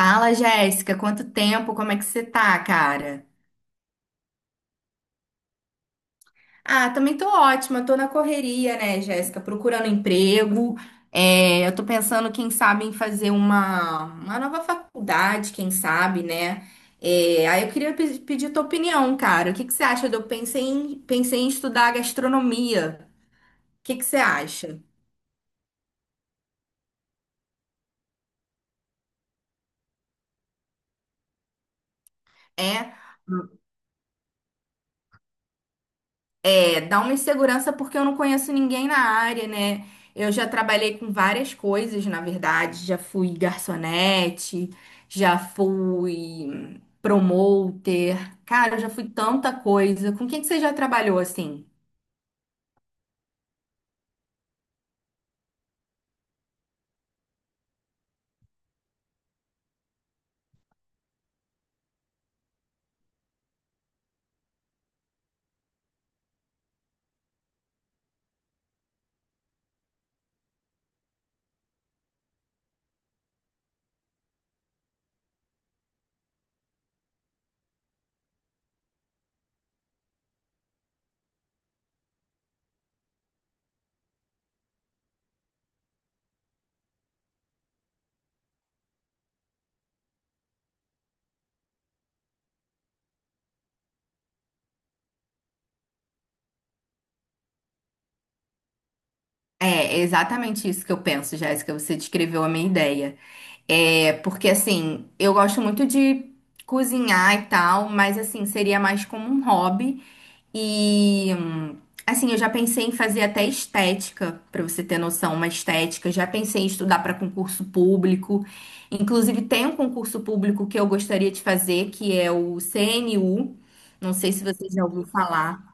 Fala, Jéssica, quanto tempo? Como é que você tá, cara? Ah, também tô ótima, tô na correria, né, Jéssica? Procurando emprego. É, eu tô pensando, quem sabe, em fazer uma nova faculdade, quem sabe, né? É, aí eu queria pedir tua opinião, cara. O que que você acha? Eu pensei em estudar gastronomia. O que que você acha? É? É, dá uma insegurança porque eu não conheço ninguém na área, né? Eu já trabalhei com várias coisas, na verdade. Já fui garçonete, já fui promoter. Cara, eu já fui tanta coisa. Com quem que você já trabalhou assim? É, é exatamente isso que eu penso, Jéssica. Você descreveu a minha ideia. É, porque assim, eu gosto muito de cozinhar e tal, mas assim, seria mais como um hobby. E assim, eu já pensei em fazer até estética, pra você ter noção, uma estética. Já pensei em estudar para concurso público. Inclusive, tem um concurso público que eu gostaria de fazer, que é o CNU. Não sei se você já ouviu falar.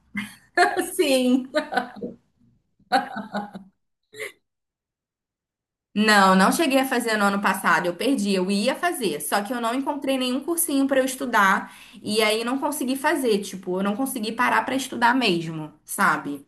Sim. Não, não cheguei a fazer no ano passado, eu perdi, eu ia fazer, só que eu não encontrei nenhum cursinho pra eu estudar e aí não consegui fazer, tipo, eu não consegui parar pra estudar mesmo, sabe?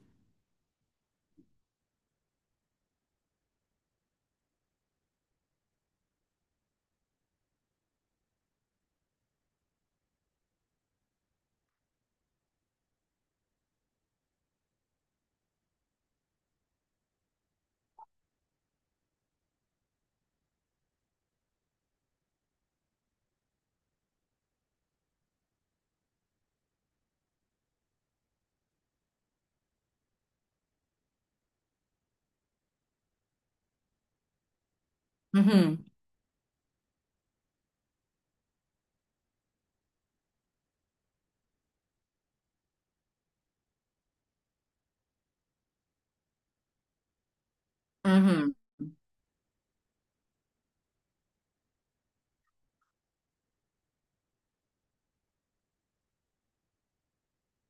Uhum, uhum.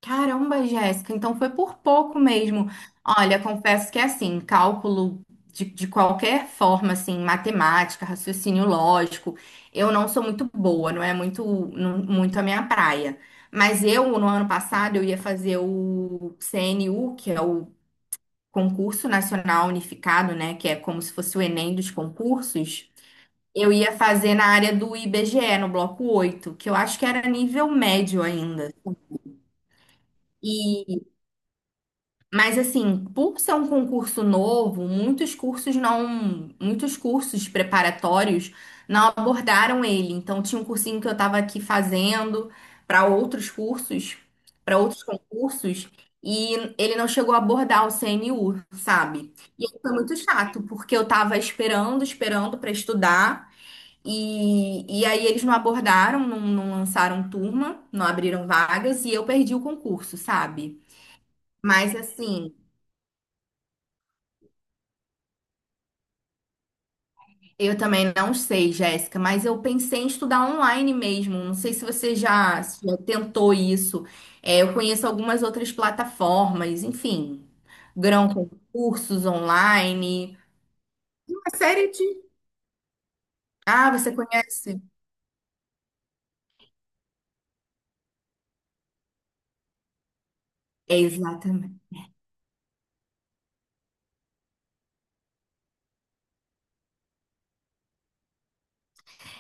Caramba, Jéssica, então foi por pouco mesmo. Olha, confesso que é assim, cálculo de qualquer forma, assim, matemática, raciocínio lógico, eu não sou muito boa, não é muito, muito a minha praia. Mas eu, no ano passado, eu ia fazer o CNU, que é o Concurso Nacional Unificado, né, que é como se fosse o Enem dos concursos. Eu ia fazer na área do IBGE, no bloco 8, que eu acho que era nível médio ainda. Mas assim, por ser um concurso novo, muitos cursos não, muitos cursos preparatórios não abordaram ele. Então tinha um cursinho que eu estava aqui fazendo para outros cursos, para outros concursos, e ele não chegou a abordar o CNU, sabe? E aí foi muito chato, porque eu estava esperando, esperando para estudar, e aí eles não abordaram, não, não lançaram turma, não abriram vagas, e eu perdi o concurso, sabe? Mas assim, eu também não sei, Jéssica, mas eu pensei em estudar online mesmo. Não sei se você já, se já tentou isso. É, eu conheço algumas outras plataformas, enfim, Grão com cursos online. Uma série de. Ah, você conhece? É, exatamente.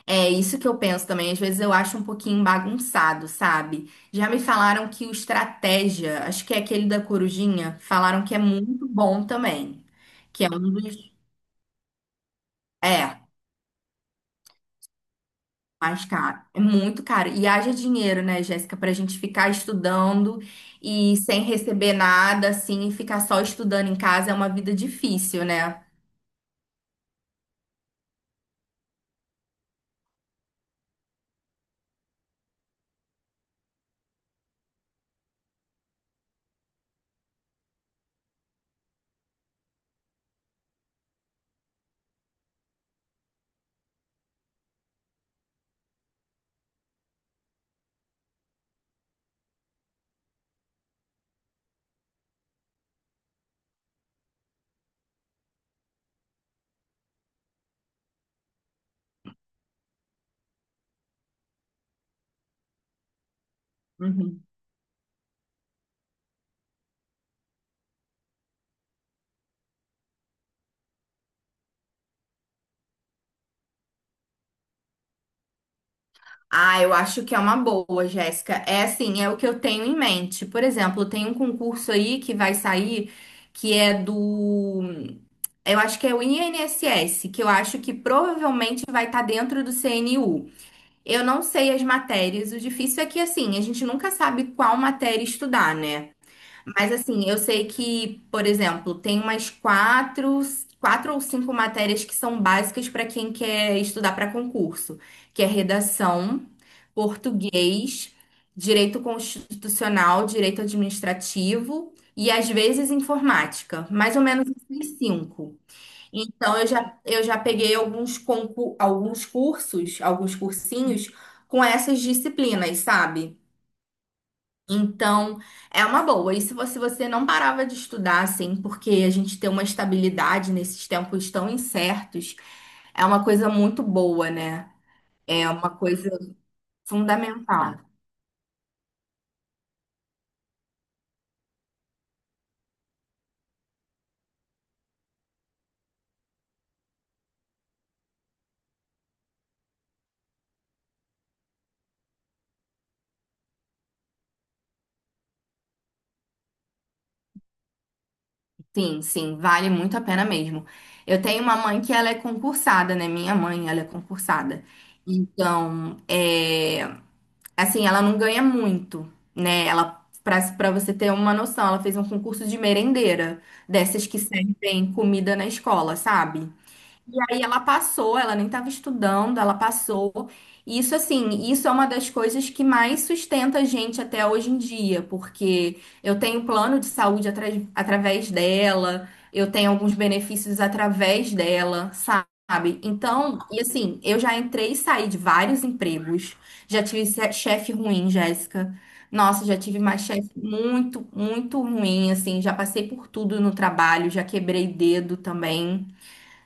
É isso que eu penso também. Às vezes eu acho um pouquinho bagunçado, sabe? Já me falaram que o Estratégia, acho que é aquele da Corujinha, falaram que é muito bom também. Que é um dos. É, mais caro, é muito caro. E haja dinheiro, né, Jéssica, pra gente ficar estudando e sem receber nada, assim, e ficar só estudando em casa é uma vida difícil, né? Uhum. Ah, eu acho que é uma boa, Jéssica. É assim, é o que eu tenho em mente. Por exemplo, tem um concurso aí que vai sair que é do. Eu acho que é o INSS, que eu acho que provavelmente vai estar dentro do CNU. Eu não sei as matérias. O difícil é que, assim, a gente nunca sabe qual matéria estudar, né? Mas, assim, eu sei que, por exemplo, tem umas quatro, quatro ou cinco matérias que são básicas para quem quer estudar para concurso, que é redação, português, direito constitucional, direito administrativo e, às vezes, informática. Mais ou menos, assim, cinco. Então, eu já peguei alguns, concur, alguns cursos, alguns cursinhos com essas disciplinas, sabe? Então, é uma boa. E se você, você não parava de estudar, assim, porque a gente tem uma estabilidade nesses tempos tão incertos, é uma coisa muito boa, né? É uma coisa fundamental. Sim, sim, vale muito a pena mesmo. Eu tenho uma mãe que ela é concursada, né? Minha mãe, ela é concursada. Então, é, assim, ela não ganha muito, né? Ela para você ter uma noção, ela fez um concurso de merendeira, dessas que servem comida na escola, sabe? E aí ela passou, ela nem estava estudando, ela passou. E isso assim, isso é uma das coisas que mais sustenta a gente até hoje em dia, porque eu tenho plano de saúde através dela, eu tenho alguns benefícios através dela, sabe? Então, e assim, eu já entrei e saí de vários empregos, já tive chefe ruim, Jéssica. Nossa, já tive mais chefe muito, muito ruim, assim, já passei por tudo no trabalho, já quebrei dedo também,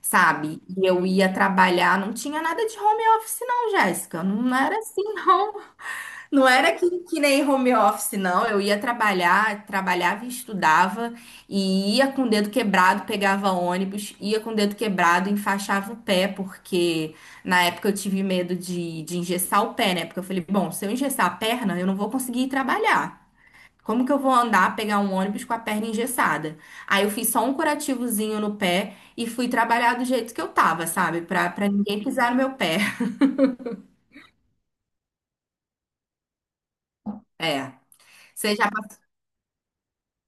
sabe? E eu ia trabalhar, não tinha nada de home office, não, Jéssica. Não era assim, não. Não era que nem home office, não. Eu ia trabalhar, trabalhava e estudava, e ia com o dedo quebrado, pegava ônibus, ia com o dedo quebrado, enfaixava o pé, porque na época eu tive medo de engessar o pé, né? Porque eu falei, bom, se eu engessar a perna, eu não vou conseguir ir trabalhar. Como que eu vou andar, pegar um ônibus com a perna engessada? Aí eu fiz só um curativozinho no pé e fui trabalhar do jeito que eu tava, sabe? Pra ninguém pisar no meu pé. É. Você já, pass-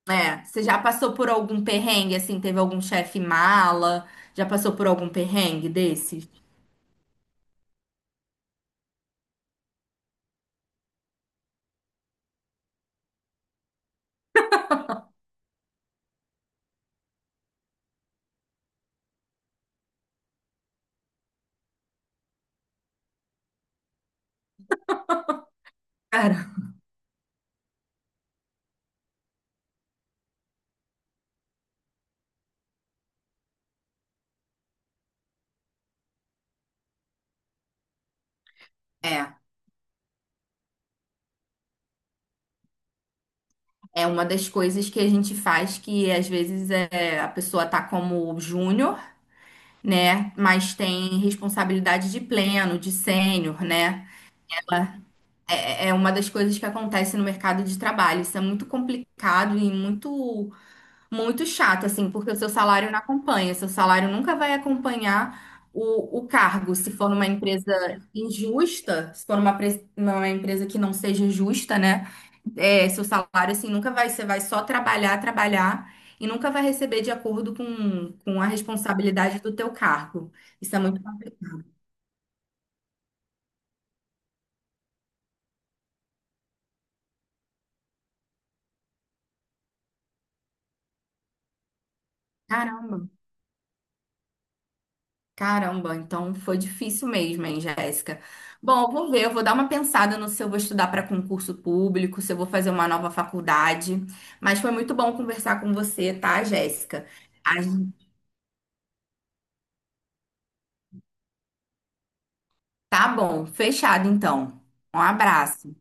É, você já passou por algum perrengue, assim? Teve algum chefe mala? Já passou por algum perrengue desses? Cara, é. É uma das coisas que a gente faz que às vezes é, a pessoa tá como júnior, né? Mas tem responsabilidade de pleno, de sênior, né? É uma das coisas que acontece no mercado de trabalho. Isso é muito complicado e muito, muito chato, assim, porque o seu salário não acompanha. Seu salário nunca vai acompanhar o cargo. Se for numa empresa injusta, se for uma, uma empresa que não seja justa, né? É, seu salário, assim, nunca vai. Você vai só trabalhar, trabalhar e nunca vai receber de acordo com a responsabilidade do teu cargo. Isso é muito complicado. Caramba. Caramba, então foi difícil mesmo, hein, Jéssica? Bom, eu vou ver, eu vou dar uma pensada no se eu vou estudar para concurso público, se eu vou fazer uma nova faculdade. Mas foi muito bom conversar com você, tá, Jéssica? A gen- Tá bom, fechado então. Um abraço.